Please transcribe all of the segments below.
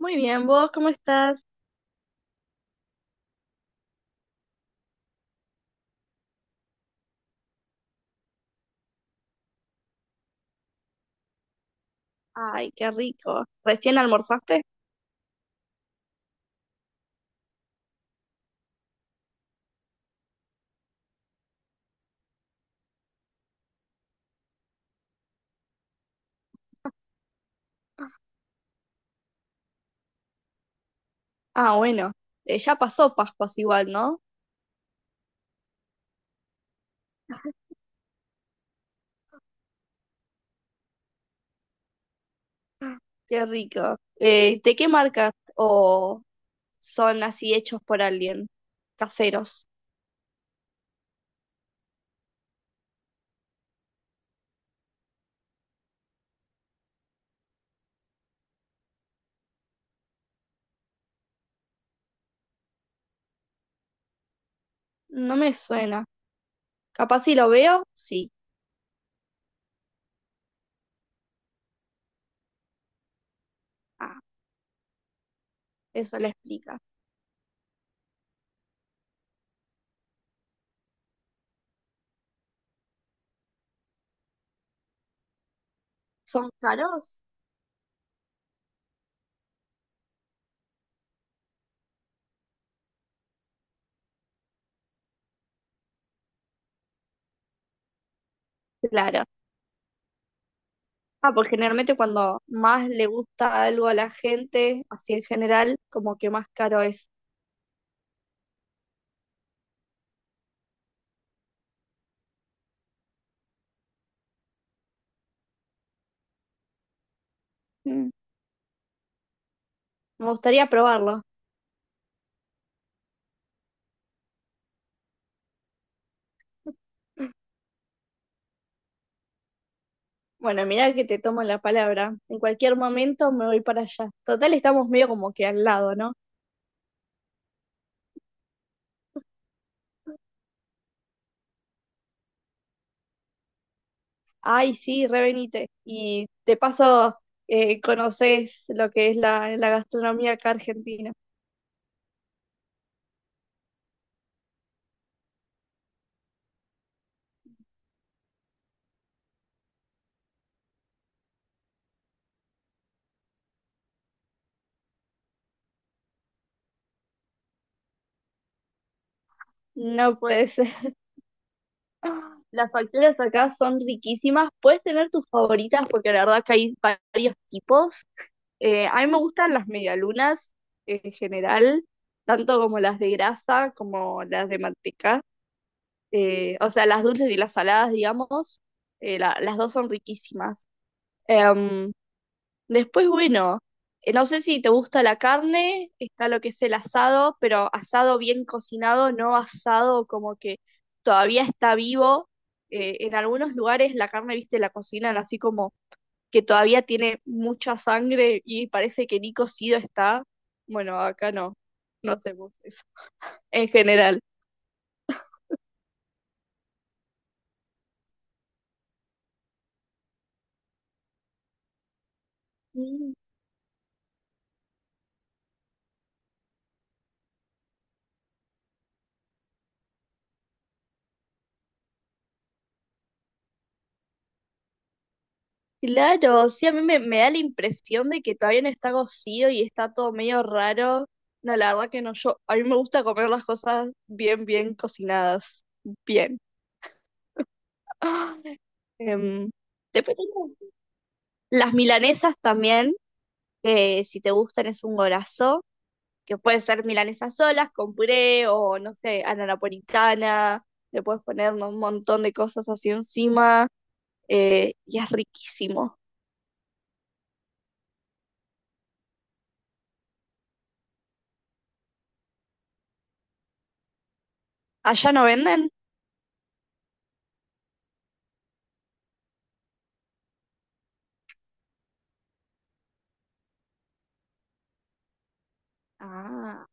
Muy bien, ¿vos cómo estás? Ay, qué rico. ¿Recién almorzaste? Ah, bueno, ya pasó Pascuas igual, ¿no? Ah, qué rico. ¿De qué marca o son así hechos por alguien? Caseros. No me suena. Capaz si lo veo, sí. Ah, eso le explica. ¿Son caros? Claro. Ah, porque generalmente cuando más le gusta algo a la gente, así en general, como que más caro es. Mm, me gustaría probarlo. Bueno, mira que te tomo la palabra. En cualquier momento me voy para allá. Total, estamos medio como que al lado, ¿no? Ay, sí, revenite. Y de paso, conoces lo que es la gastronomía acá argentina. No puede ser. Las facturas acá son riquísimas. Puedes tener tus favoritas porque la verdad que hay varios tipos. A mí me gustan las medialunas en general, tanto como las de grasa como las de manteca. O sea, las dulces y las saladas, digamos, las dos son riquísimas. Em, Después, bueno, no sé si te gusta la carne, está lo que es el asado, pero asado bien cocinado, no asado como que todavía está vivo. En algunos lugares la carne, viste, la cocinan así como que todavía tiene mucha sangre y parece que ni cocido está. Bueno, acá no, no hacemos eso en general. Claro, sí, a me da la impresión de que todavía no está cocido y está todo medio raro. No, la verdad que no, yo, a mí me gusta comer las cosas bien, bien cocinadas, bien. Ah, Em, después tengo las milanesas también, que si te gustan es un golazo, que puede ser milanesas solas, con puré o no sé, a la napolitana, le puedes poner, ¿no, un montón de cosas así encima, y es riquísimo? ¿Allá no venden? Ah,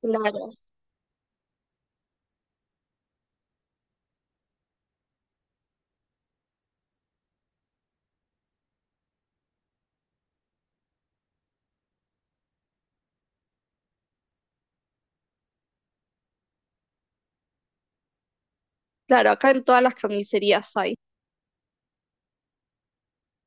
claro. Claro, acá en todas las carnicerías hay.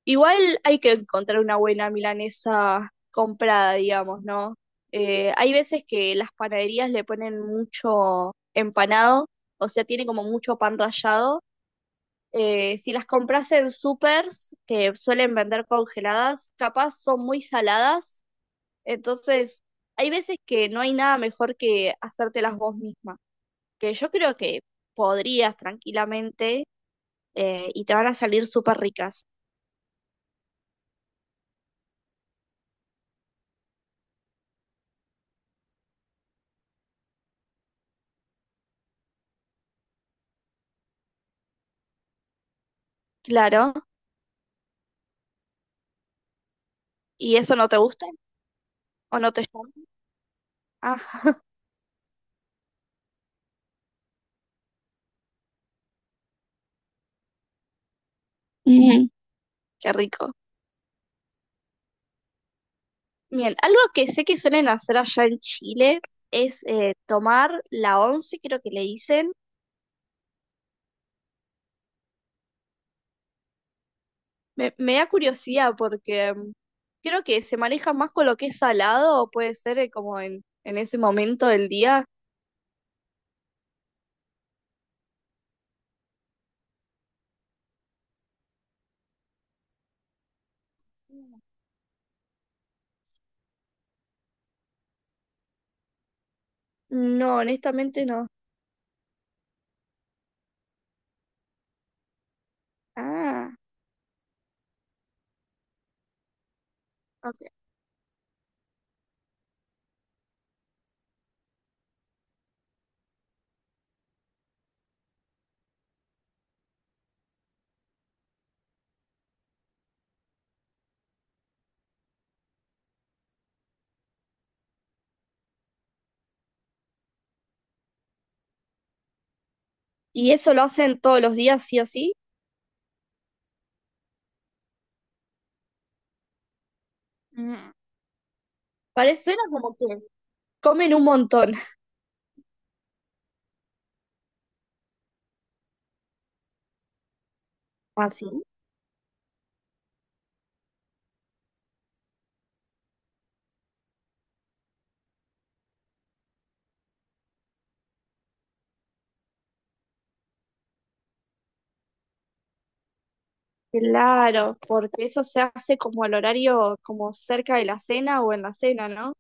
Igual hay que encontrar una buena milanesa comprada, digamos, ¿no? Hay veces que las panaderías le ponen mucho empanado, o sea, tiene como mucho pan rallado. Si las compras en supers, que suelen vender congeladas, capaz son muy saladas, entonces hay veces que no hay nada mejor que hacértelas vos misma, que yo creo que podrías tranquilamente, y te van a salir súper ricas. Claro. ¿Y eso no te gusta? ¿O no te llama? Ah, ujú, qué rico. Bien, algo que sé que suelen hacer allá en Chile es, tomar la once, creo que le dicen. Me da curiosidad porque, mm, creo que se maneja más con lo que es salado o puede ser, como en ese momento del día. No, honestamente no. Ah, ok. ¿Y eso lo hacen todos los días, sí o sí? Mm. Parece, suena como que comen un montón. Así. Claro, porque eso se hace como al horario, como cerca de la cena o en la cena, ¿no?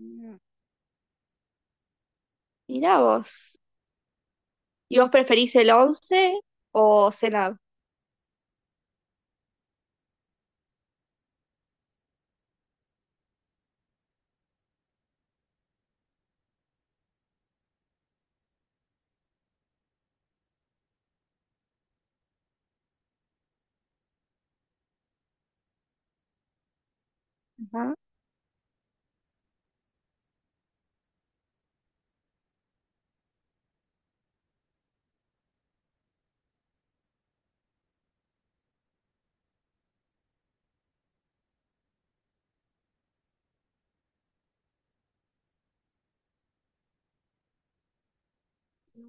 Mm, mirá vos. ¿Y vos preferís el once o cenar? Ajá. No.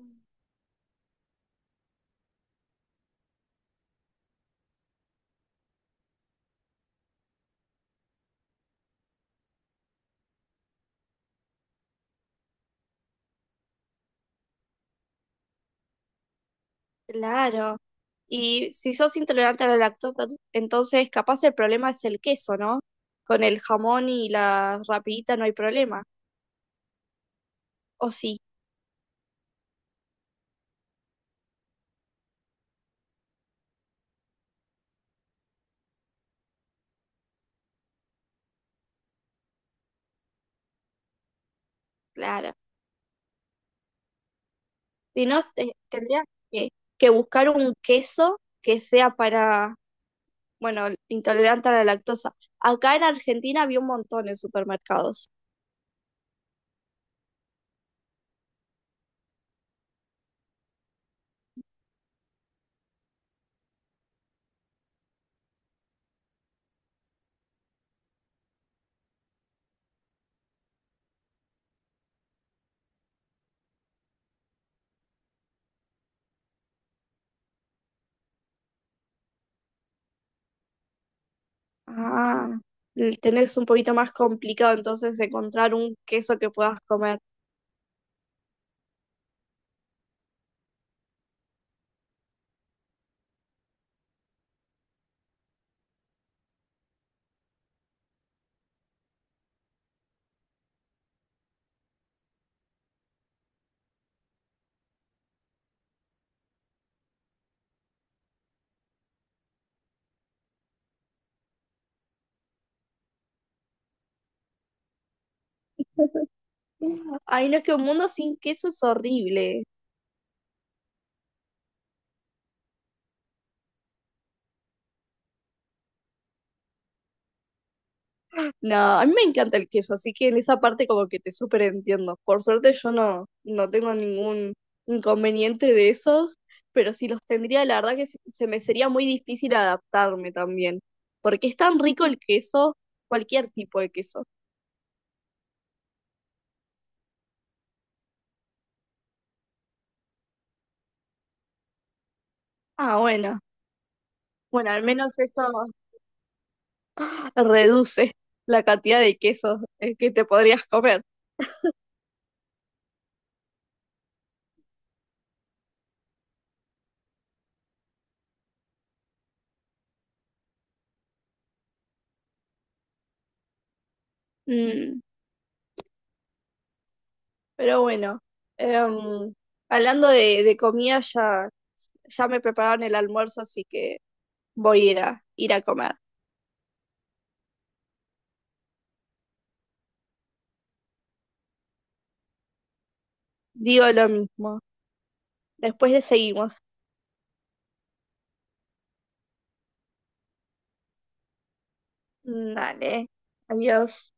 Claro. Y si sos intolerante a la lactosa, entonces capaz el problema es el queso, ¿no? Con el jamón y la rapidita no hay problema. O sí, claro. Si no, tendrías que, que buscar un queso que sea para, bueno, intolerante a la lactosa. Acá en Argentina había un montón de supermercados. Ah, el tener es un poquito más complicado entonces de encontrar un queso que puedas comer. Ay, no, es que un mundo sin queso es horrible. No, a mí me encanta el queso, así que en esa parte como que te súper entiendo. Por suerte yo no, no tengo ningún inconveniente de esos, pero si los tendría, la verdad que se me sería muy difícil adaptarme también, porque es tan rico el queso, cualquier tipo de queso. Ah, bueno. Bueno, al menos eso reduce la cantidad de quesos, que te podrías comer. Mm, pero bueno, em, hablando de comida, ya, ya me prepararon el almuerzo, así que voy a ir a, ir a comer. Digo lo mismo. Después le seguimos. Mm, dale. Adiós.